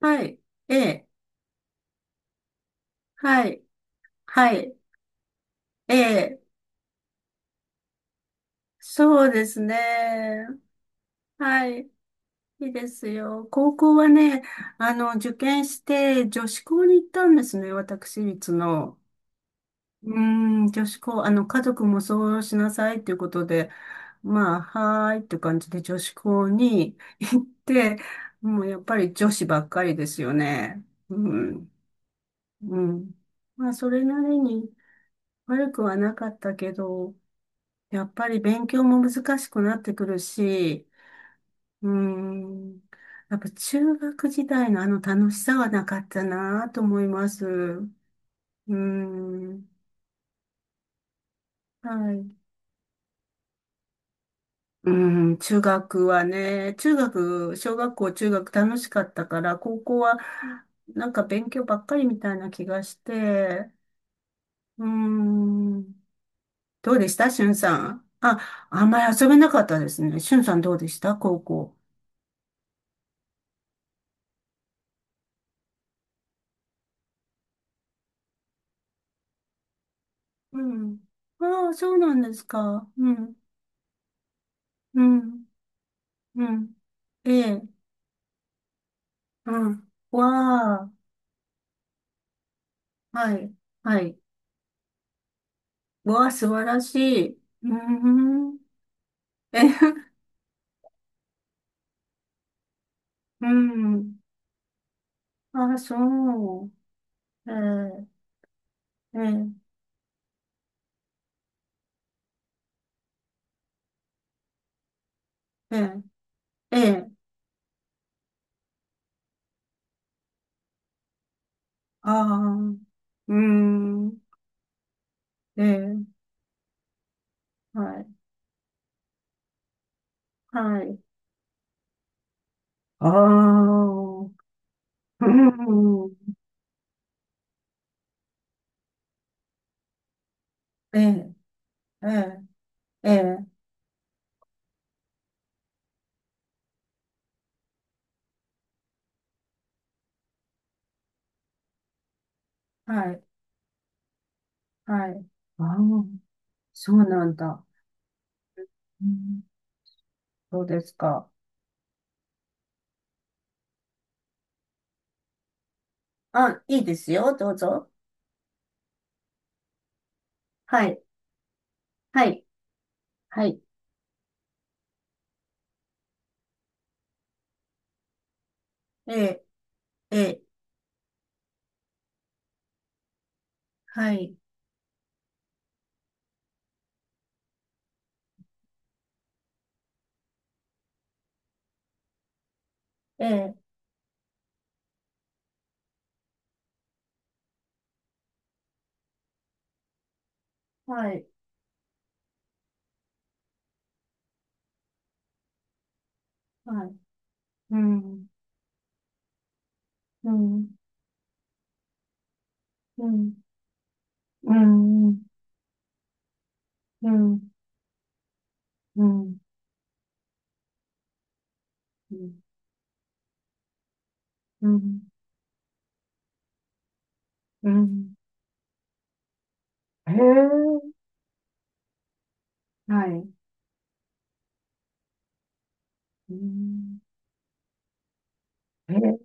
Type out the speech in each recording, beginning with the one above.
はい。ええ。はい。はい。ええ。そうですね。はい。いいですよ。高校はね、受験して女子校に行ったんですね。私立の。うー女子校、家族もそうしなさいということで、まあ、はーいって感じで女子校に行って、もうやっぱり女子ばっかりですよね。うん。うん。まあ、それなりに悪くはなかったけど、やっぱり勉強も難しくなってくるし、うーん、やっぱ中学時代のあの楽しさはなかったなと思います。うーん、はい。うー中学はね、中学、小学校、中学楽しかったから、高校はなんか勉強ばっかりみたいな気がして、うーん、どうでしたしゅんさん。あ、あんまり遊べなかったですね。しゅんさんどうでした高校。うん。ああ、そうなんですか。うん。うん。うん。ええ。うん。わあ。はい。はい。わあ、素晴らしい。うーん。え、うん。ああ、そう。ええ。ええ。ええ。ええ。ああ。うーん。ええ。はい。はい。ああ。うん。ええ。ええ。ええ。はい。はい。ああ。そうなんだ。うん。そうですか。あ、いいですよ。どうぞ。はい。はい。はい。ええ、ええ、はい。ええ、はい。はい。うん、うん、うん、うん、うん、うん、うん、うん、うん。へえ、はい。うん、へえ、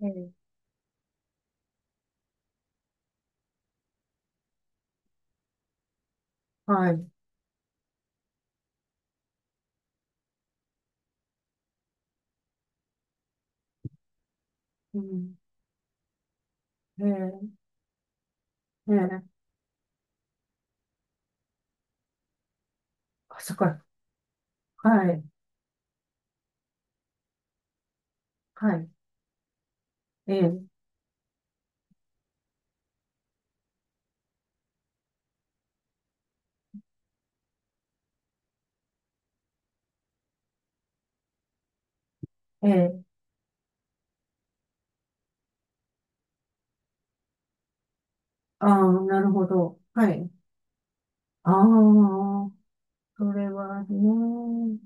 ええ、はい。うん、へえ、へえ、あ、そっか。はい。はい。ええ、ええ、ああ、なるほど。はい。ああ、それはね、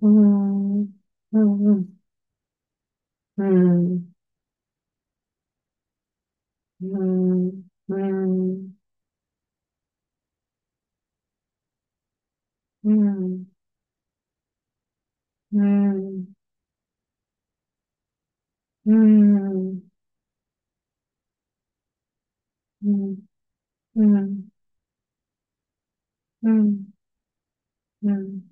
うん、うん、うん、うん、うん、うん、うん、うん、うん、うん、うん、うん、うん、うん、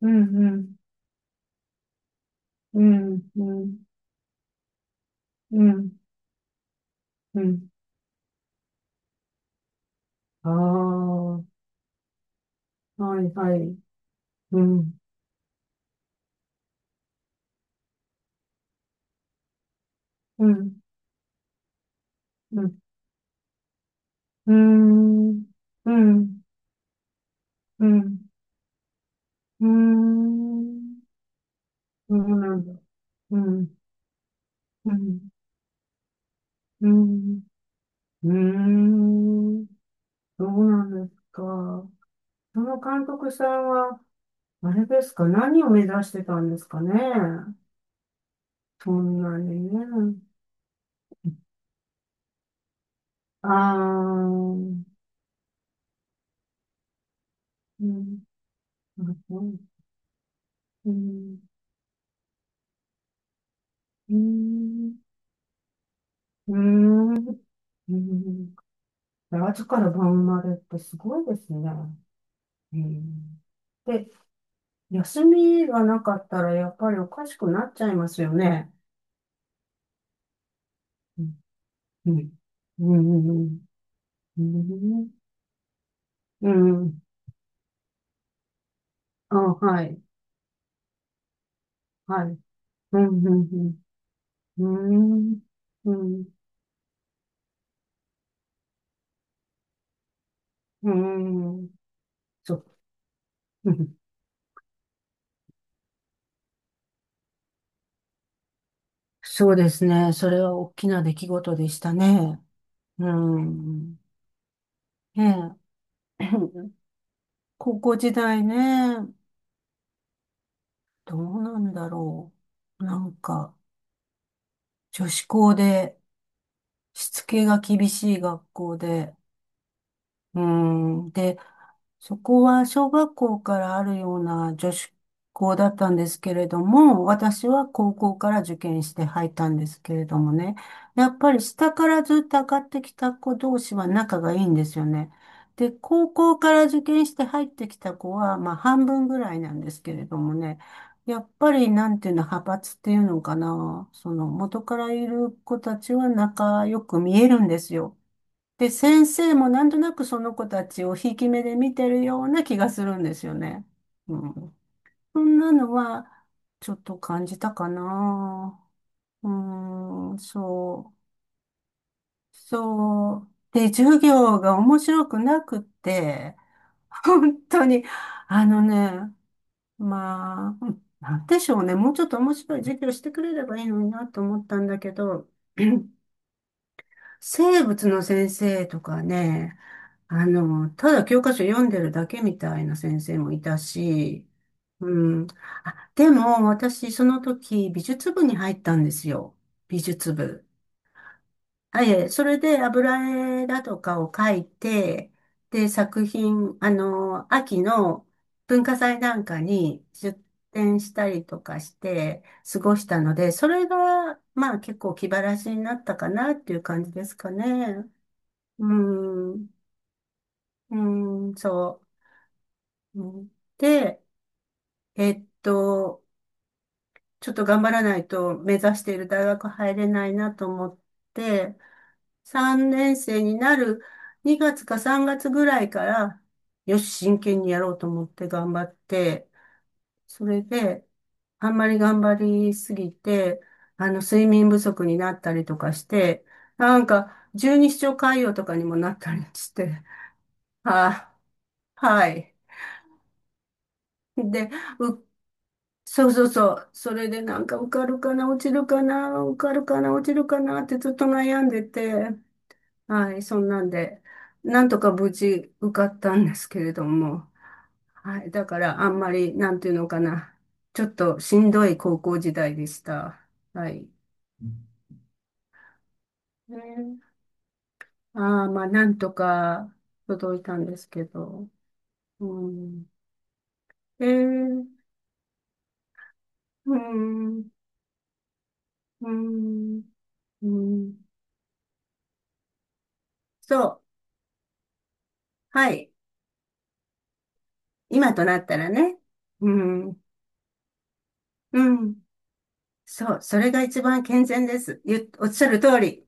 うん、うん、うん、うん、ああ、はい、はい、うん、うん、うん、うん、うん、うん、うん、そうなん、だうん、うん、うん、うん、そうなんですか。その監督さんは、あれですか、何を目指してたんですかね。そんなにね。ああ、うん、うん、うん、うん、うん、うん。朝から晩までってすごいですね。うん、で、休みがなかったらやっぱりおかしくなっちゃいますよね。うん、うん、うん、うん、うん、うん。あ、はい、はい。うん、うん、うん、うん、うん、うん。そう、うん、そうですね。それは大きな出来事でしたね。うん、ねえ 高校時代ね、どうなんだろう。なんか、女子校で、しつけが厳しい学校で、うん、で、そこは小学校からあるような女子校だったんですけれども、私は高校から受験して入ったんですけれどもね、やっぱり下からずっと上がってきた子同士は仲がいいんですよね。で、高校から受験して入ってきた子は、まあ半分ぐらいなんですけれどもね、やっぱりなんていうの、派閥っていうのかな、その元からいる子たちは仲良く見えるんですよ。で、先生もなんとなくその子たちをひいき目で見てるような気がするんですよね。うん。そんなのは、ちょっと感じたかな。うーん、そう。そう。で、授業が面白くなくて、本当に、あのね、まあ、うん、なんでしょうね。もうちょっと面白い授業してくれればいいのになと思ったんだけど、生物の先生とかね、ただ教科書読んでるだけみたいな先生もいたし、うん。あ、でも、私、その時、美術部に入ったんですよ。美術部。あ、いえ、それで油絵だとかを描いて、で、作品、秋の文化祭なんかに出展したりとかして過ごしたので、それが、まあ結構気晴らしになったかなっていう感じですかね。うん、うん、そう。うん、で、えっと、ちょっと頑張らないと目指している大学入れないなと思って、3年生になる2月か3月ぐらいから、よし、真剣にやろうと思って頑張って、それで、あんまり頑張りすぎて、睡眠不足になったりとかして、なんか、十二指腸潰瘍とかにもなったりして、あ、はい。で、うっそうそうそう。それでなんか受かるかな、落ちるかな、受かるかな、落ちるかなってずっと悩んでて、はい、そんなんで、なんとか無事受かったんですけれども、はい、だからあんまり、なんていうのかな、ちょっとしんどい高校時代でした。はい。ね、ああ、まあ、なんとか届いたんですけど。うん。えー、うん、うん、うん。そう。はい。今となったらね。うん。うん。そう。それが一番健全です。おっしゃる通り。